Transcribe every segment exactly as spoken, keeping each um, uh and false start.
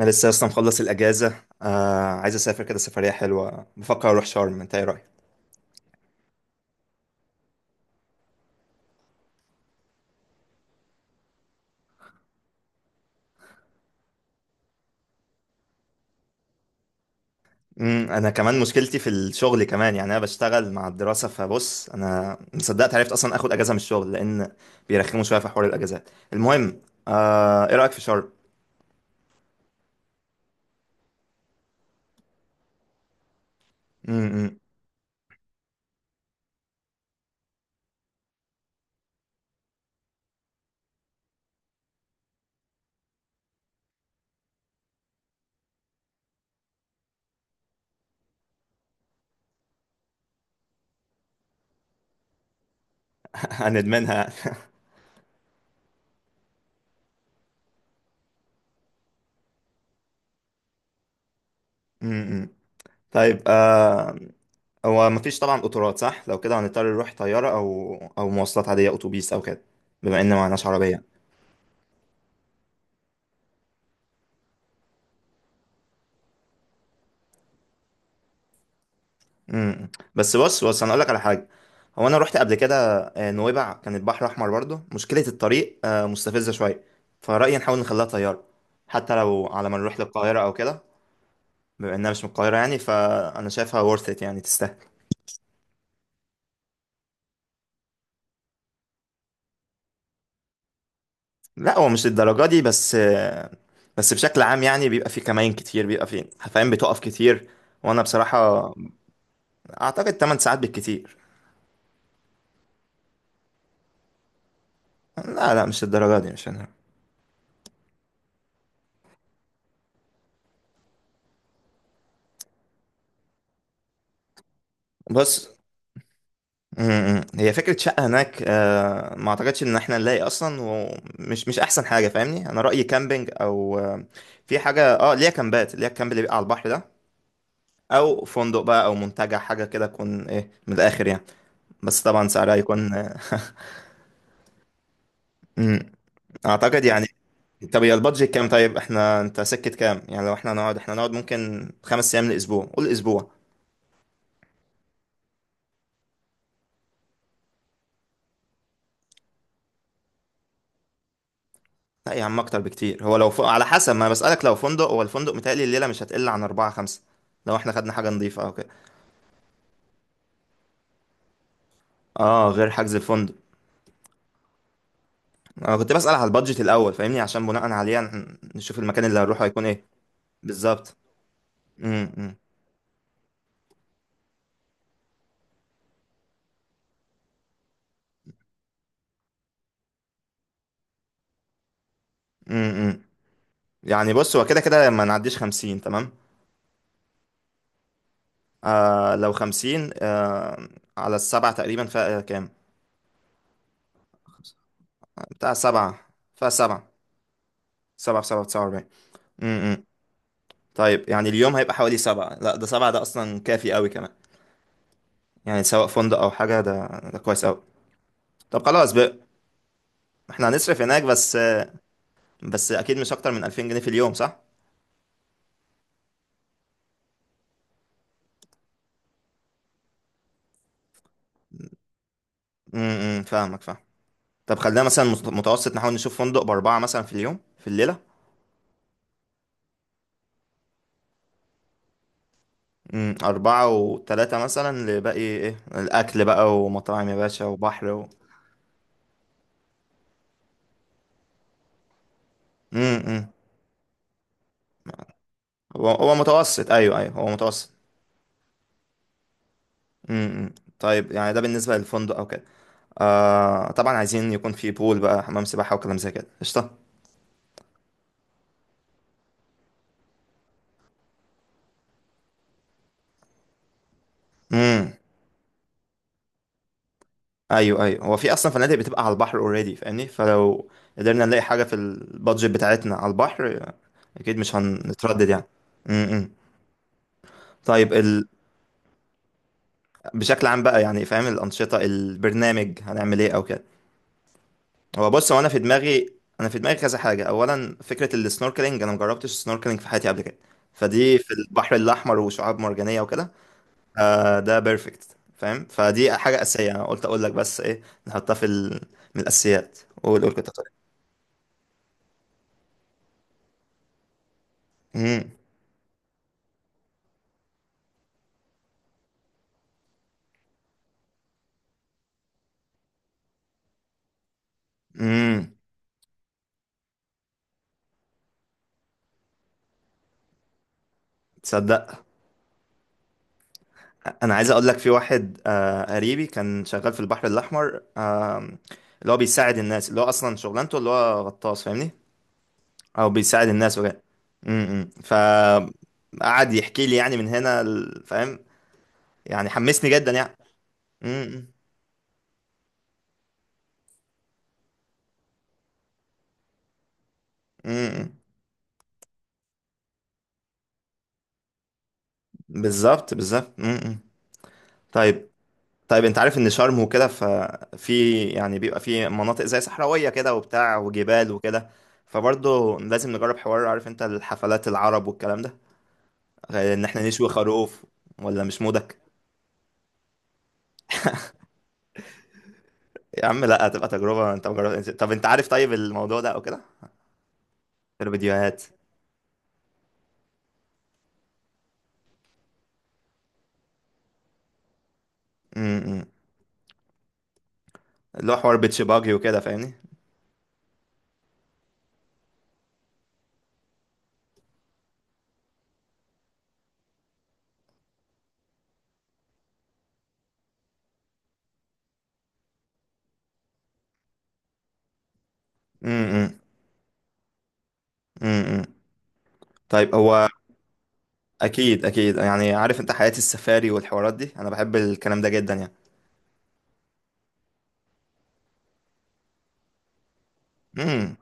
انا لسه اصلا مخلص الاجازه. آه عايز اسافر كده سفريه حلوه، بفكر اروح شرم، انت ايه رايك؟ امم انا كمان مشكلتي في الشغل كمان، يعني انا بشتغل مع الدراسه، فبص انا مصدقت عرفت اصلا اخد اجازه من الشغل لان بيرخموا شويه في حوار الاجازات. المهم، آه ايه رايك في شرم؟ امم. هندمنها. امم. طيب. آه هو مفيش طبعا قطارات، صح؟ لو كده هنضطر نروح طياره او او مواصلات عاديه، اتوبيس او كده، بما ان معناش عربيه. امم. بس بص بص، انا اقول لك على حاجه. هو انا رحت قبل كده آه، نويبع، كان البحر احمر برضه، مشكله الطريق آه، مستفزه شويه، فرايي نحاول نخليها طياره، حتى لو على ما نروح للقاهره او كده، بما انها مش من القاهره يعني، فانا شايفها worth it، يعني تستاهل. لا هو مش للدرجه دي بس آه، بس بشكل عام يعني بيبقى في كمائن كتير، بيبقى في حفاين بتقف كتير. وانا بصراحه اعتقد ثمان ساعات بالكتير. لا لا، مش للدرجه دي، مش انا. بص. امم. هي فكرة شقة هناك آه، ما اعتقدش ان احنا نلاقي اصلا، ومش مش احسن حاجة فاهمني. انا رأيي كامبينج، او آه، في حاجة اه ليها كامبات، ليها الكامب اللي بيبقى على البحر ده، او فندق بقى، او منتجع، حاجة كده تكون ايه من الاخر يعني، بس طبعا سعرها يكون آه، امم. اعتقد يعني. طب يا البادجت كام؟ طيب احنا انت سكت كام؟ يعني لو احنا نقعد، احنا نقعد ممكن خمس ايام لاسبوع، قول اسبوع. لا يا عم اكتر بكتير، هو لو ف... على حسب ما أنا بسألك، لو فندق، هو الفندق متهيألي الليلة مش هتقل عن اربعة خمسة، لو احنا خدنا حاجة نظيفة او كده. اه، غير حجز الفندق. انا كنت بسأل على البادجت الاول فاهمني، عشان بناء عليه ن- نشوف المكان اللي هنروحه هيكون ايه. بالظبط. امم. امم. إمم. إمم. يعني بص، هو كده كده ما نعديش خمسين، تمام؟ آه لو خمسين آه على السبعة تقريبا، فيها كام؟ بتاع سبعة. فيها سبعة. سبعة في سبعة في تسعه واربعين. امم. إمم. طيب يعني اليوم هيبقى حوالي سبعة، لا ده سبعة ده اصلا كافي قوي كمان، يعني سواء فندق او حاجة ده، ده كويس قوي. طب خلاص بقى، احنا هنصرف هناك بس، بس اكيد مش اكتر من الفين جنيه في اليوم، صح؟ امم، امم، فاهمك، فاهم. طب خلينا مثلا مت- متوسط، نحاول نشوف فندق بأربعة مثلا في اليوم، في الليلة. امم. أربعة وتلاتة مثلا لباقي إيه، الأكل بقى ومطاعم يا باشا، وبحر و... امم. امم. هو هو متوسط، أيوه أيوه، هو متوسط. امم. امم. طيب يعني ده بالنسبة للفندق أو كده. آه طبعا عايزين يكون في بول بقى، حمام سباحة وكلام زي كده، قشطة. امم. ايوه ايوه، هو في اصلا فنادق بتبقى على البحر اوريدي فاهمني، فلو قدرنا نلاقي حاجه في البادجت بتاعتنا على البحر، اكيد مش هنتردد يعني. امم. إمم. طيب ال... بشكل عام بقى يعني فاهم، الانشطه، البرنامج، هنعمل ايه او كده؟ هو بص، هو انا في دماغي، انا في دماغي كذا حاجه. اولا فكره السنوركلينج، انا مجربتش السنوركلينج في حياتي قبل كده، فدي في البحر الاحمر وشعاب مرجانيه وكده، آه ده بيرفكت فاهم، فدي حاجه اساسيه، انا قلت اقول لك بس ايه، نحطها في ال... من الاساسيات. قول قول كنت هتقول. إيه. إمم. امم. تصدق، انا عايز اقول لك، في واحد آه قريبي كان شغال في البحر الاحمر آه اللي هو بيساعد الناس، اللي هو اصلا شغلانته اللي هو غطاس فاهمني، او بيساعد الناس وكده. امم. ف قعد يحكي لي يعني من هنا ال- فاهم، يعني حمسني جدا يعني. امم. امم. بالظبط بالظبط. امم. طيب. طيب انت عارف ان شرم وكده ففي يعني بيبقى في مناطق زي صحراوية كده وبتاع، وجبال وكده، فبرضه لازم نجرب حوار، عارف انت الحفلات العرب والكلام ده، غير ان احنا نشوي خروف، ولا مش مودك؟ يا عم لا، هتبقى تجربة، انت مجرد، طب انت عارف طيب الموضوع ده او كده. في الفيديوهات. امم. امم. اللي هو حوار بيتش باجي وكده فاهمني. امم. امم. امم، امم. طيب هو اكيد اكيد، يعني عارف انت حياة السفاري والحوارات دي، انا بحب الكلام ده جدا يعني. امم.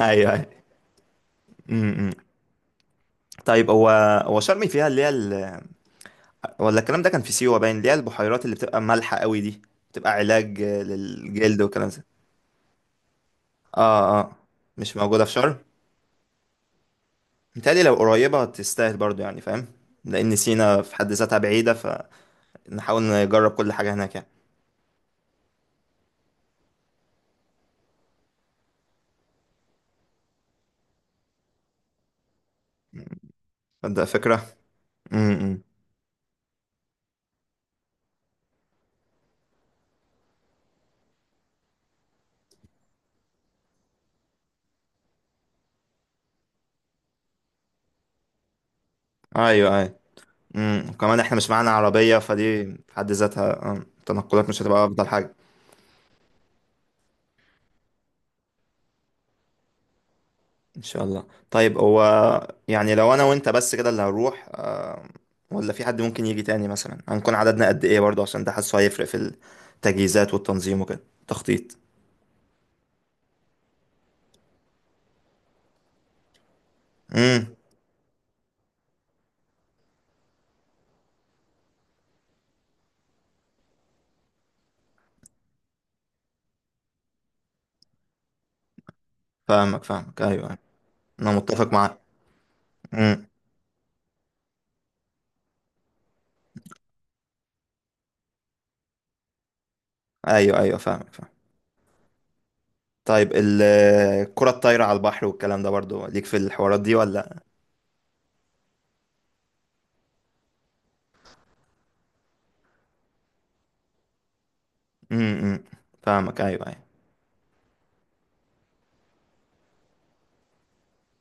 ايوه ايوه. امم، امم. طيب هو، هو شرم فيها اللي هي ال... ولا الكلام ده كان في سيوة، باين، اللي هي البحيرات اللي بتبقى مالحة قوي دي، بتبقى علاج آه، للجلد والكلام ده. اه، اه، مش موجودة في شرم؟ متهيألي لو قريبة تستاهل برضو يعني فاهم، لأن سينا في حد ذاتها بعيدة، فنحاول نجرب كل حاجة هناك يعني، فده فكرة. امم. ايوه ايوه. امم، كمان احنا مش معانا عربية، فدي في حد ذاتها آه، التنقلات مش هتبقى أفضل حاجة. ان شاء الله. طيب هو يعني لو انا وانت بس كده اللي هنروح آه، ولا في حد ممكن يجي تاني مثلا؟ هنكون عددنا قد ايه برضه، عشان ده حاسه هيفرق في التجهيزات والتنظيم وكده، تخطيط. امم. فاهمك فاهمك، ايوه أيوة. انا متفق معاك. امم. ايوه ايوه، فاهمك، فاهم. طيب ال- الكرة الطايرة على البحر والكلام ده برضه ليك في الحوارات دي ولا؟ امم. أمم. فاهمك، ايوه ايوه.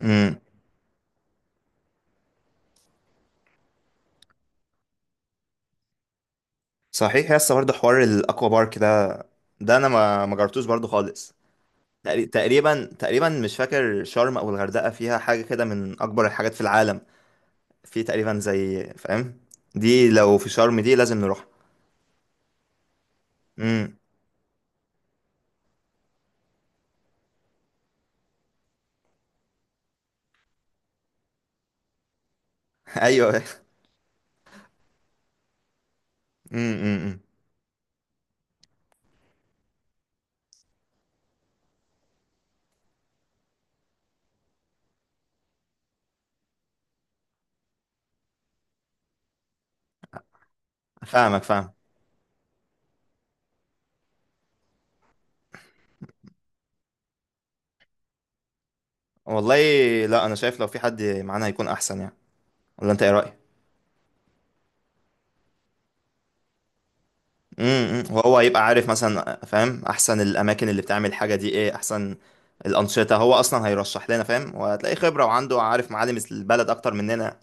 امم. صحيح يا اسطى، برضه حوار الاكوا بارك ده، ده انا ما ما جربتوش برضه خالص. تقري- تقريبا تقريبا مش فاكر شرم او الغردقه فيها حاجه كده من اكبر الحاجات في العالم، في تقريبا زي فاهم، دي لو في شرم دي لازم نروح. امم. ايوه. امم. امم. امم. فاهمك، فاهم. والله، لا انا شايف لو في حد معانا هيكون احسن يعني، ولا انت ايه رايك؟ امم. امم. وهو هيبقى عارف مثلا فاهم احسن الاماكن اللي بتعمل الحاجه دي، ايه احسن الانشطه، هو اصلا هيرشح لنا فاهم، وهتلاقي خبره وعنده، عارف معالم البلد اكتر مننا.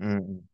امم، امم.